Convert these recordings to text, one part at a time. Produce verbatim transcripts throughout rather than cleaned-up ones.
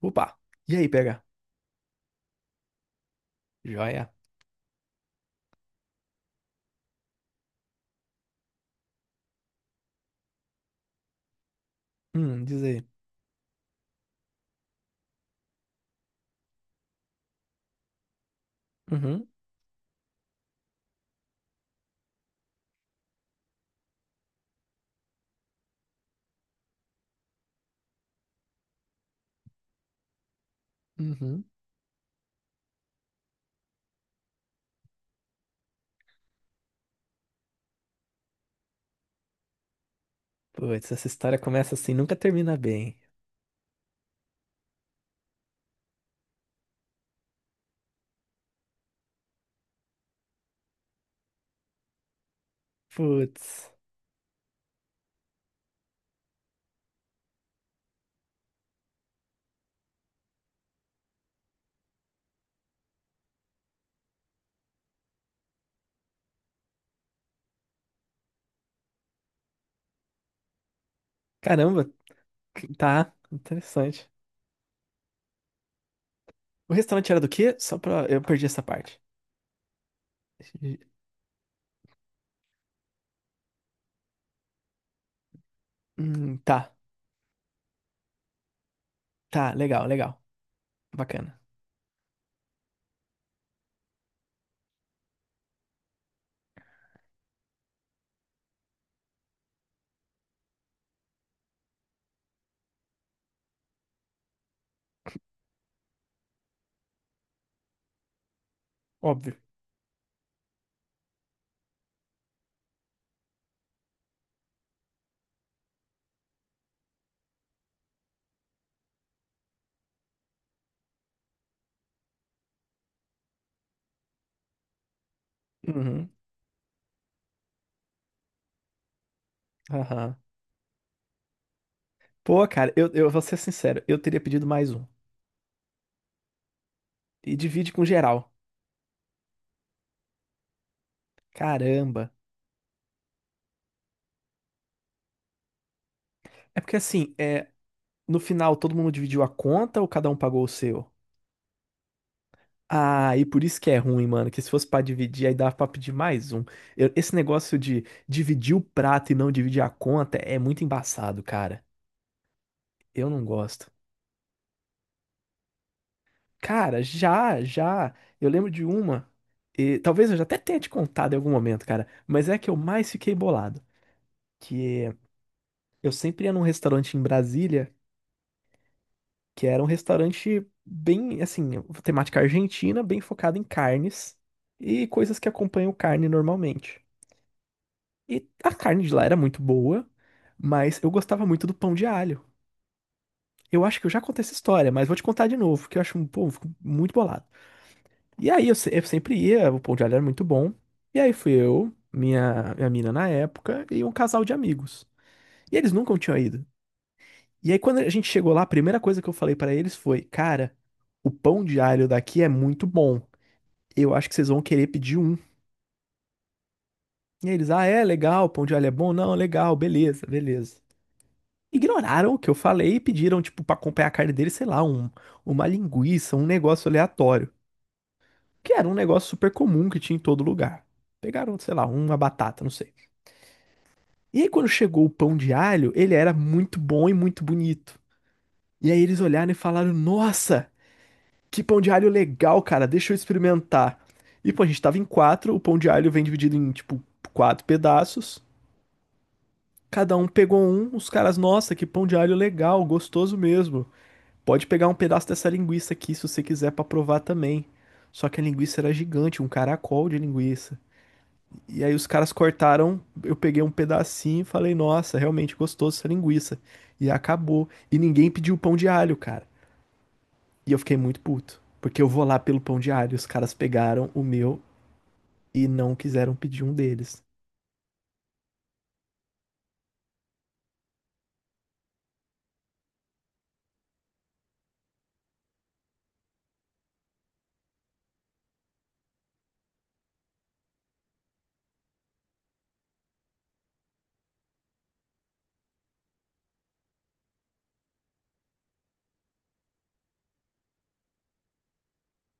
Opa! E aí, P H? Joia? Hum, diz aí. Uhum, uhum. Putz, essa história começa assim, nunca termina bem. Putz. Caramba, que- tá, interessante. O restaurante era do quê? Só pra. Eu perdi essa parte. Hum, tá, tá, legal, legal. Bacana. Óbvio. Uhum, aham. Pô, cara, eu, eu vou ser sincero, eu teria pedido mais um. E divide com geral. Caramba. É porque assim, é, no final todo mundo dividiu a conta ou cada um pagou o seu? Ah, e por isso que é ruim, mano. Que se fosse pra dividir, aí dava pra pedir mais um. Eu- esse negócio de dividir o prato e não dividir a conta é muito embaçado, cara. Eu não gosto. Cara, já, já. Eu lembro de uma. E talvez eu já até tenha te contado em algum momento, cara. Mas é a que eu mais fiquei bolado. Que eu sempre ia num restaurante em Brasília, que era um restaurante bem, assim, temática argentina, bem focado em carnes e coisas que acompanham carne normalmente. E a carne de lá era muito boa, mas eu gostava muito do pão de alho. Eu acho que eu já contei essa história, mas vou te contar de novo, que eu acho, pô, eu fico muito bolado. E aí eu, se- eu sempre ia, o pão de alho era muito bom. E aí fui eu, minha, minha mina na época, e um casal de amigos. E eles nunca tinham ido. E aí quando a gente chegou lá, a primeira coisa que eu falei pra eles foi: Cara, o pão de alho daqui é muito bom. Eu acho que vocês vão querer pedir um. E aí eles, ah, é legal, pão de alho é bom? Não, legal, beleza, beleza. Ignoraram o que eu falei e pediram, tipo, pra acompanhar a carne dele, sei lá, um, uma linguiça, um negócio aleatório. Que era um negócio super comum que tinha em todo lugar. Pegaram, sei lá, uma batata, não sei. E aí, quando chegou o pão de alho, ele era muito bom e muito bonito. E aí eles olharam e falaram: Nossa, que pão de alho legal, cara, deixa eu experimentar. E pô, a gente tava em quatro, o pão de alho vem dividido em, tipo, quatro pedaços. Cada um pegou um, os caras, nossa, que pão de alho legal, gostoso mesmo. Pode pegar um pedaço dessa linguiça aqui se você quiser pra provar também. Só que a linguiça era gigante, um caracol de linguiça. E aí os caras cortaram, eu peguei um pedacinho e falei, nossa, realmente gostoso essa linguiça. E acabou. E ninguém pediu pão de alho, cara. E eu fiquei muito puto. Porque eu vou lá pelo pão de alho. Os caras pegaram o meu e não quiseram pedir um deles.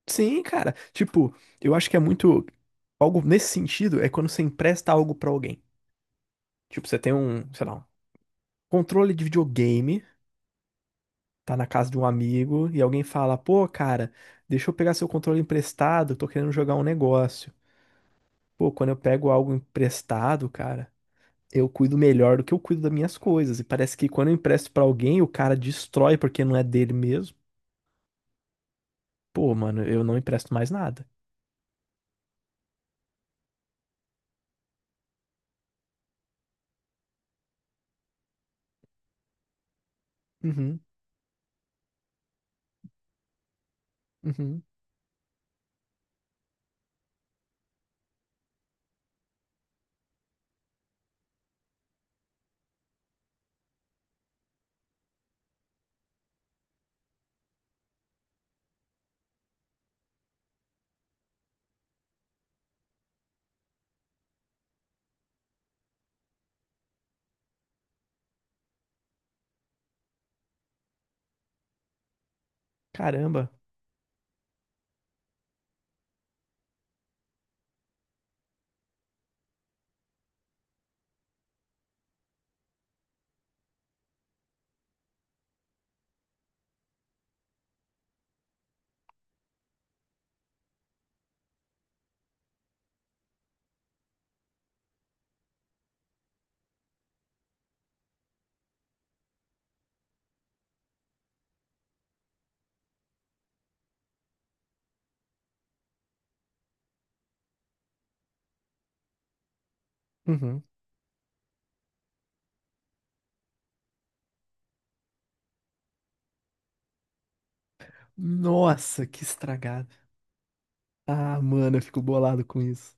Sim, cara. Tipo, eu acho que é muito. Algo nesse sentido é quando você empresta algo pra alguém. Tipo, você tem um, sei lá, um controle de videogame, tá na casa de um amigo e alguém fala: pô, cara, deixa eu pegar seu controle emprestado, tô querendo jogar um negócio. Pô, quando eu pego algo emprestado, cara, eu cuido melhor do que eu cuido das minhas coisas. E parece que quando eu empresto pra alguém, o cara destrói porque não é dele mesmo. Pô, mano, eu não empresto mais nada. Uhum, uhum. Caramba. Uhum. Nossa, que estragado. Ah, mano, eu fico bolado com isso.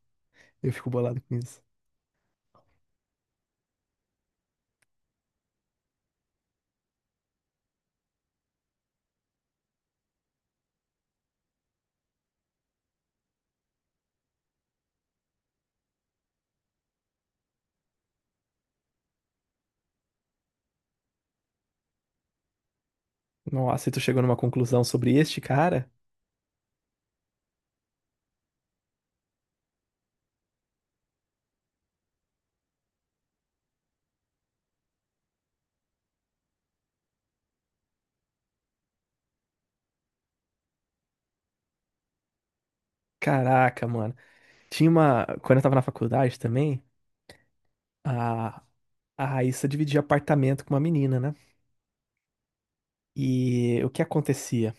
Eu fico bolado com isso. Nossa, e tu chegou numa conclusão sobre este cara? Caraca, mano. Tinha uma. Quando eu tava na faculdade também, a, a Raíssa dividia apartamento com uma menina, né? E o que acontecia?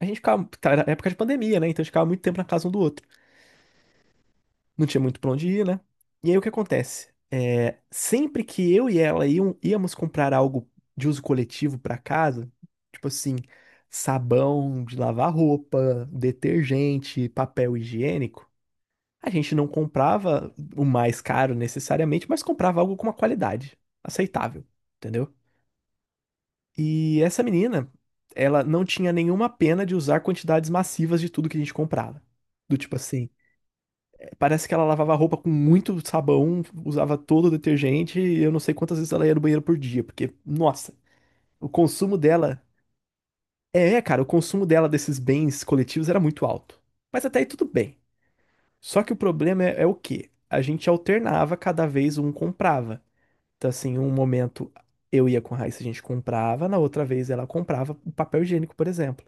A gente ficava. Tá, era época de pandemia, né? Então a gente ficava muito tempo na casa um do outro. Não tinha muito pra onde ir, né? E aí o que acontece? É, sempre que eu e ela iam, íamos comprar algo de uso coletivo pra casa, tipo assim, sabão de lavar roupa, detergente, papel higiênico. A gente não comprava o mais caro necessariamente, mas comprava algo com uma qualidade aceitável, entendeu? E essa menina, ela não tinha nenhuma pena de usar quantidades massivas de tudo que a gente comprava. Do tipo assim, parece que ela lavava a roupa com muito sabão, usava todo o detergente, e eu não sei quantas vezes ela ia no banheiro por dia, porque, nossa, o consumo dela. É, cara, o consumo dela desses bens coletivos era muito alto. Mas até aí tudo bem. Só que o problema é, é o quê? A gente alternava, cada vez um comprava. Então, assim, um momento eu ia com a Raíssa, a gente comprava, na outra vez ela comprava o papel higiênico, por exemplo.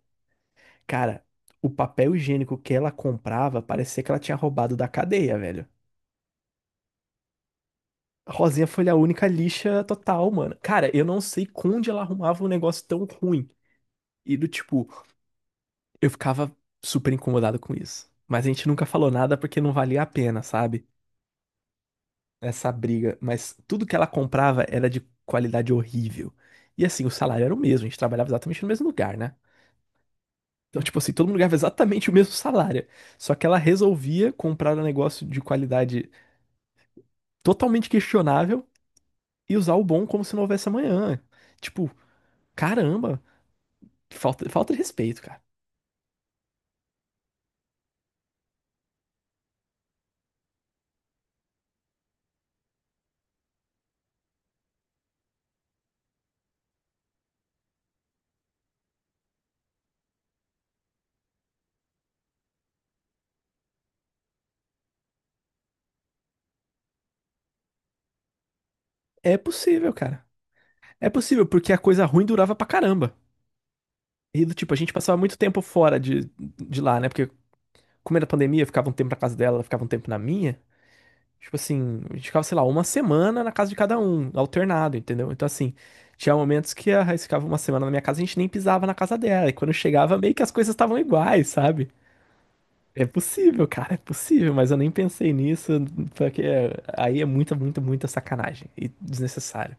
Cara, o papel higiênico que ela comprava parecia que ela tinha roubado da cadeia, velho. A Rosinha foi a única lixa total, mano. Cara, eu não sei onde ela arrumava um negócio tão ruim. E do tipo, eu ficava super incomodado com isso. Mas a gente nunca falou nada porque não valia a pena, sabe? Essa briga, mas tudo que ela comprava era de qualidade horrível. E assim, o salário era o mesmo, a gente trabalhava exatamente no mesmo lugar, né? Então, tipo assim, todo mundo ganhava exatamente o mesmo salário. Só que ela resolvia comprar um negócio de qualidade totalmente questionável e usar o bom como se não houvesse amanhã. Tipo, caramba, que falta, falta de respeito, cara. É possível, cara. É possível, porque a coisa ruim durava pra caramba. E do tipo, a gente passava muito tempo fora de, de lá, né? Porque como era pandemia, eu ficava um tempo na casa dela, ela ficava um tempo na minha. Tipo assim, a gente ficava, sei lá, uma semana na casa de cada um, alternado, entendeu? Então, assim, tinha momentos que a Raíssa ficava uma semana na minha casa e a gente nem pisava na casa dela. E quando eu chegava, meio que as coisas estavam iguais, sabe? É possível, cara, é possível, mas eu nem pensei nisso, porque aí é muita, muita, muita sacanagem e desnecessário.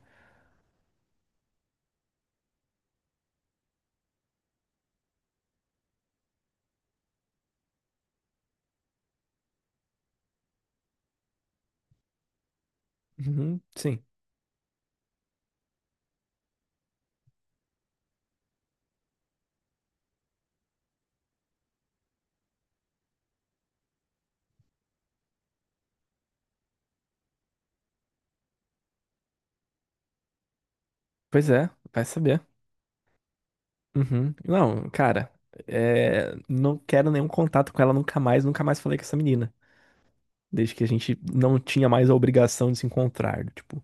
Uhum, sim. Pois é, vai saber. Uhum. Não, cara, é, não quero nenhum contato com ela nunca mais, nunca mais falei com essa menina. Desde que a gente não tinha mais a obrigação de se encontrar. Tipo,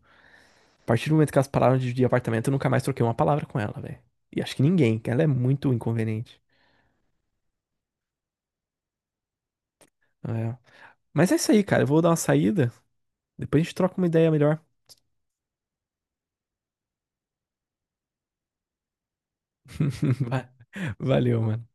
a partir do momento que elas pararam de dividir apartamento, eu nunca mais troquei uma palavra com ela, velho. E acho que ninguém, que ela é muito inconveniente. É. Mas é isso aí, cara. Eu vou dar uma saída. Depois a gente troca uma ideia melhor. Va- Valeu, mano.